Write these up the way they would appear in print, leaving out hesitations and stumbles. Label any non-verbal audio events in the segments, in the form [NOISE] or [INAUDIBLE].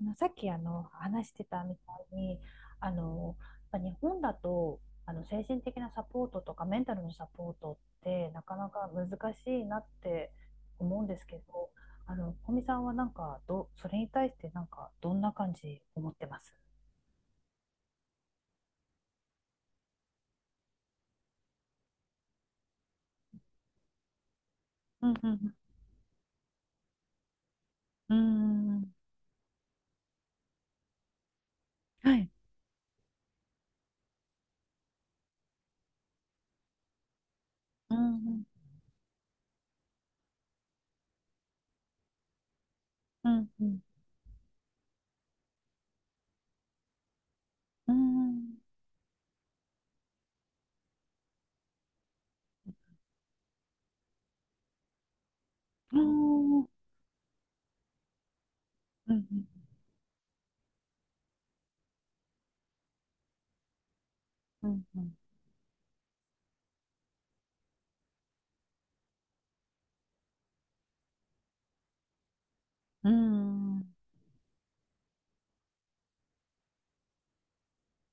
さっき話してたみたいに、あのやっぱ日本だと精神的なサポートとかメンタルのサポートってなかなか難しいなって思うんですけど、小見さんはなんかそれに対してなんかどんな感じ思ってます？うんうん。うんうーん。はい。うんうんうんうんうんうんうん。うんうんうんうん。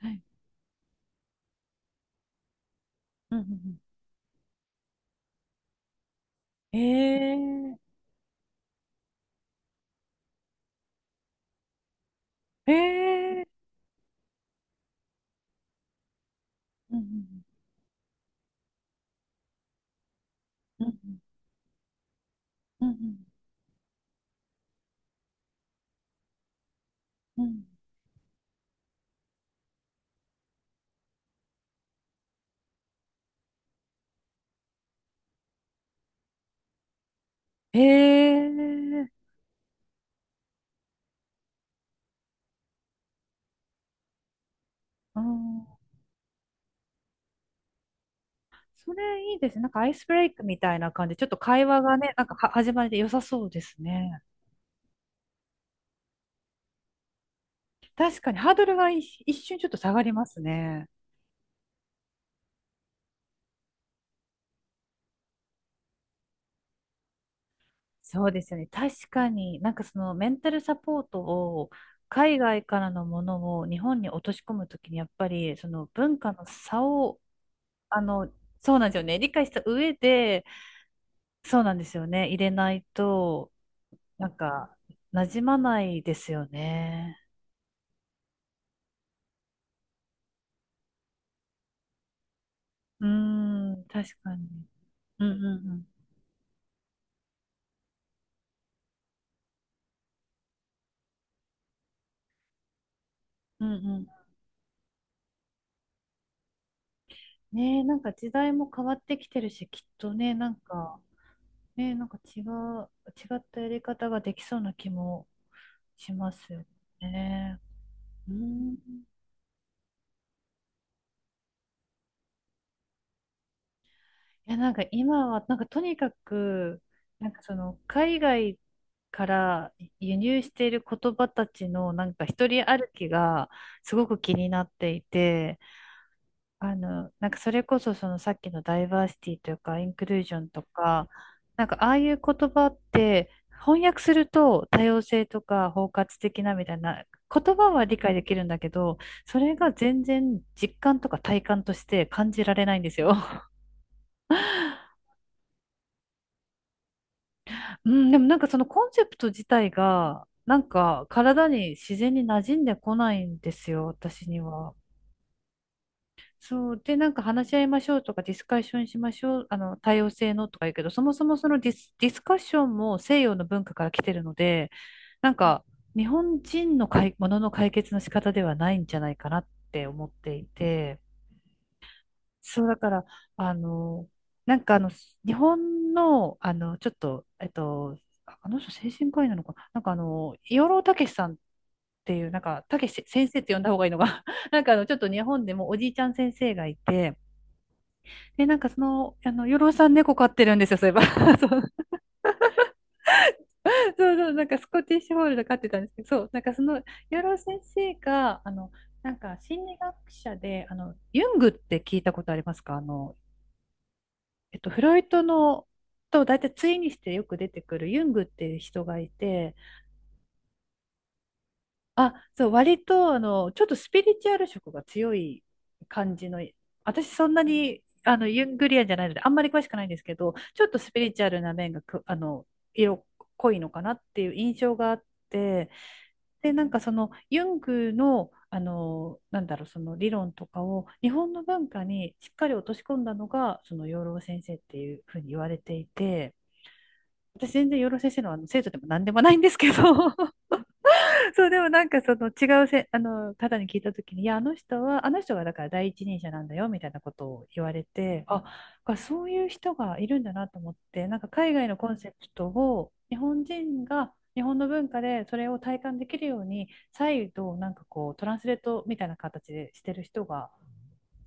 はい。うんうん。うん。えー。えー。うんうんうんうん。うんうん。へえ、うん、それいいですね。なんかアイスブレイクみたいな感じで、ちょっと会話がね、なんかは始まりで良さそうですね。確かにハードルが一瞬ちょっと下がりますね。そうですよね。確かに、なんかそのメンタルサポートを海外からのものを日本に落とし込むときに、やっぱりその文化の差を、あの、そうなんですよね。理解した上で、そうなんですよね。入れないと、なんか、馴染まないですよね。うーん、確かに。うんうんうん。うんうん。ねえ、なんか時代も変わってきてるし、きっとね、なんか、ねえ、違ったやり方ができそうな気もしますよね。うん。いや、なんか今は、なんかとにかく、なんかその、海外から輸入している言葉たちの、なんか一人歩きがすごく気になっていて、なんかそれこそそのさっきのダイバーシティというかインクルージョンとか、なんかああいう言葉って翻訳すると多様性とか包括的なみたいな言葉は理解できるんだけど、それが全然実感とか体感として感じられないんですよ。[LAUGHS] うん、でもなんかそのコンセプト自体がなんか体に自然に馴染んでこないんですよ、私には。そう。で、なんか話し合いましょうとか、ディスカッションしましょう、多様性のとか言うけど、そもそもそのディスカッションも西洋の文化から来てるので、なんか、日本人のものの解決の仕方ではないんじゃないかなって思っていて、そう、だから、あの、なんかあの、日本の、あの、ちょっと、あの人精神科医なのかな、養老孟司さんっていう、なんか、孟司先生って呼んだ方がいいのが [LAUGHS] ちょっと日本でもおじいちゃん先生がいて、で、なんかその、養老さん猫飼ってるんですよ、そういえば。[LAUGHS] そう、そう、なんかスコティッシュフォールド飼ってたんですけど、そう、なんかその、養老先生が、なんか心理学者で、ユングって聞いたことありますか？フロイトのと大体対にしてよく出てくるユングっていう人がいて、あ、そう、割と、ちょっとスピリチュアル色が強い感じの、私そんなに、ユングリアンじゃないので、あんまり詳しくないんですけど、ちょっとスピリチュアルな面がく、あの、色濃いのかなっていう印象があって、で、なんかその、ユングの、その理論とかを、日本の文化にしっかり落とし込んだのが、その養老先生っていうふうに言われていて、私全然養老先生の、あの生徒でも何でもないんですけど、[LAUGHS] そう、でもなんかその違うせ、あの方に聞いたときに、いや、あの人は、あの人がだから第一人者なんだよみたいなことを言われて、あ、がそういう人がいるんだなと思って、なんか海外のコンセプトを日本人が日本の文化でそれを体感できるように、再度なんかこうトランスレートみたいな形でしてる人が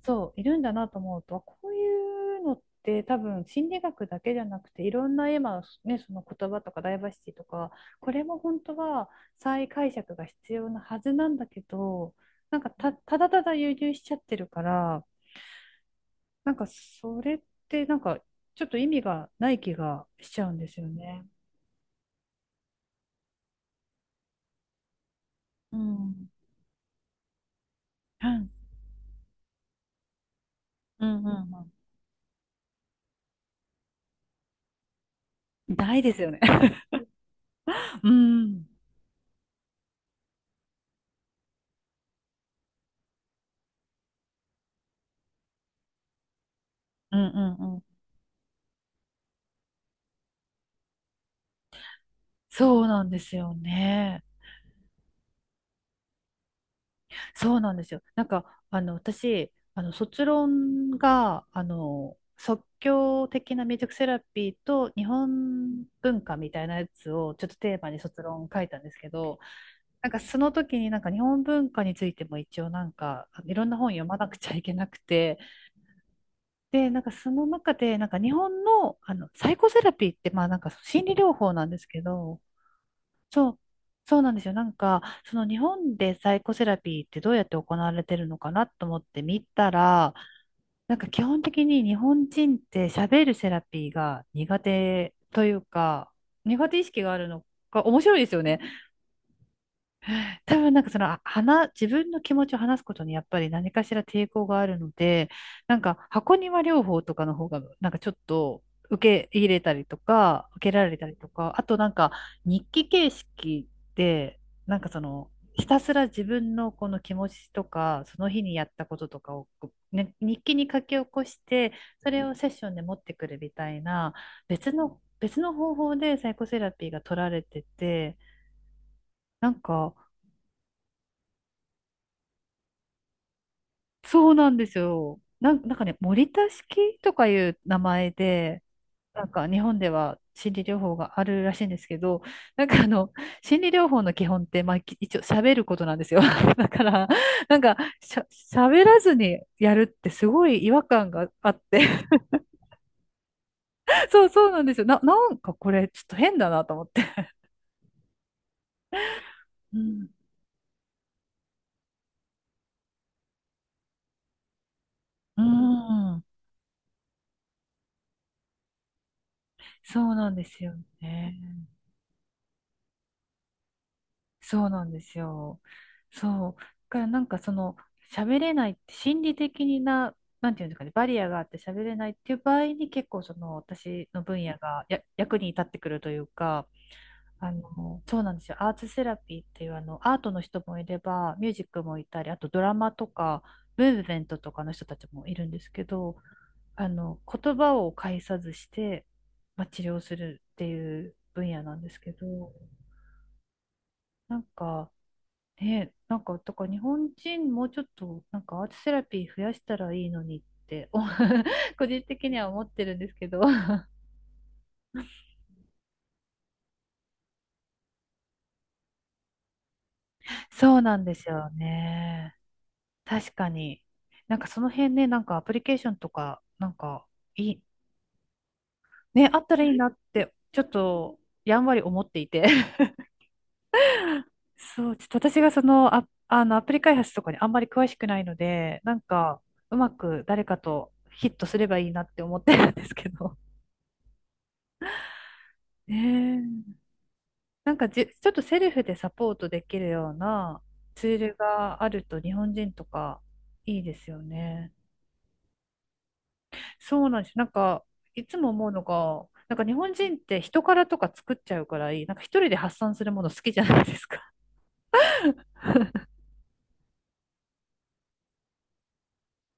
そう、いるんだなと思うと、こういうのって多分心理学だけじゃなくて、いろんな今、ね、その言葉とかダイバーシティとか、これも本当は再解釈が必要なはずなんだけど、ただただ輸入しちゃってるから、なんかそれってなんかちょっと意味がない気がしちゃうんですよね。うん。うんうんうんうんないですよね。[LAUGHS] うん。うんうんうん。そうなんですよね。そうなんですよ。なんか、私、卒論が、即興的なミュージックセラピーと日本文化みたいなやつをちょっとテーマに卒論書いたんですけど、なんかその時になんか日本文化についても一応なんかいろんな本読まなくちゃいけなくて、で、なんかその中でなんか日本の、あのサイコセラピーってまあなんか心理療法なんですけど、そう、そうなんですよ。なんか、その日本でサイコセラピーってどうやって行われてるのかなと思って見たら、なんか基本的に日本人って喋るセラピーが苦手というか、苦手意識があるのが面白いですよね。多分なんかその、自分の気持ちを話すことにやっぱり何かしら抵抗があるので、なんか箱庭療法とかの方が、なんかちょっと受け入れたりとか、受けられたりとか、あとなんか日記形式で、なんかその、ひたすら自分のこの気持ちとか、その日にやったこととかを、ね、日記に書き起こして、それをセッションで持ってくるみたいな、別の方法でサイコセラピーが取られてて、なんか、そうなんですよ。なんかね、森田式とかいう名前で、なんか日本では心理療法があるらしいんですけど、なんかあの、心理療法の基本って、まあ、一応喋ることなんですよ。[LAUGHS] だから、なんか喋らずにやるってすごい違和感があって、[LAUGHS] そうなんですよ。なんかこれちょっと変だなと思って。うん。うん。そうなんですよね。そうなんですよ。そう。だからなんかその喋れないって心理的にな、なんていうんですかね、バリアがあって喋れないっていう場合に結構その私の分野が役に立ってくるというか、そうなんですよ。アーツセラピーっていうあのアートの人もいれば、ミュージックもいたり、あとドラマとか、ムーブメントとかの人たちもいるんですけど、言葉を介さずして、まあ、治療するっていう分野なんですけど、なんか、ね、なんか、とか日本人もうちょっと、なんかアートセラピー増やしたらいいのにって、[LAUGHS] 個人的には思ってるんですけど [LAUGHS] そうなんですよね。確かに。なんかその辺ね、なんかアプリケーションとか、なんかいい、ね、あったらいいなって、ちょっとやんわり思っていて [LAUGHS] そう、ちょっと私がその、あのアプリ開発とかにあんまり詳しくないので、なんかうまく誰かとヒットすればいいなって思ってるんですけど。[LAUGHS] ねえ、なんかじ、ちょっとセルフでサポートできるようなツールがあると日本人とかいいですよね。そうなんです。なんか、いつも思うのが、なんか日本人って人からとか作っちゃうからいい。なんか一人で発散するもの好きじゃないですか。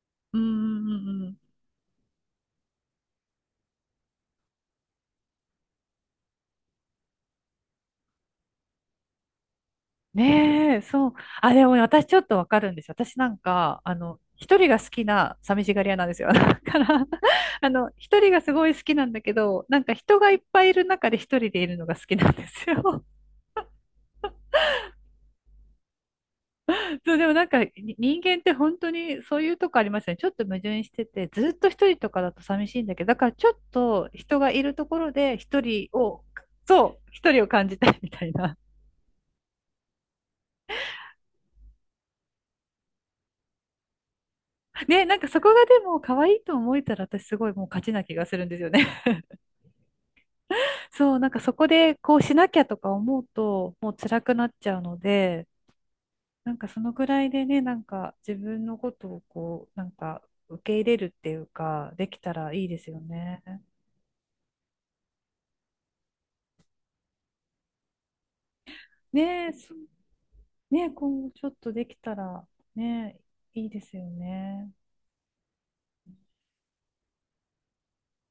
[LAUGHS] うんうんうんうん。ねえ、そう。あ、でもね私ちょっとわかるんですよ。私なんか、一人が好きな寂しがり屋なんですよ。[LAUGHS] だから、[LAUGHS] 一人がすごい好きなんだけど、なんか人がいっぱいいる中で一人でいるのが好きなんですよ。そう、でもなんか人間って本当にそういうとこありますよね。ちょっと矛盾してて、ずっと一人とかだと寂しいんだけど、だからちょっと人がいるところで一人を、そう、一人を感じたいみたいな。[LAUGHS] ね、なんかそこがでも可愛いと思えたら私すごいもう勝ちな気がするんですよね。[LAUGHS] そう、なんかそこでこうしなきゃとか思うと、もう辛くなっちゃうので、なんかそのぐらいでね、なんか自分のことをこう、なんか受け入れるっていうか、できたらいいですよね。ねえ、今後ちょっとできたらね、いいですよね。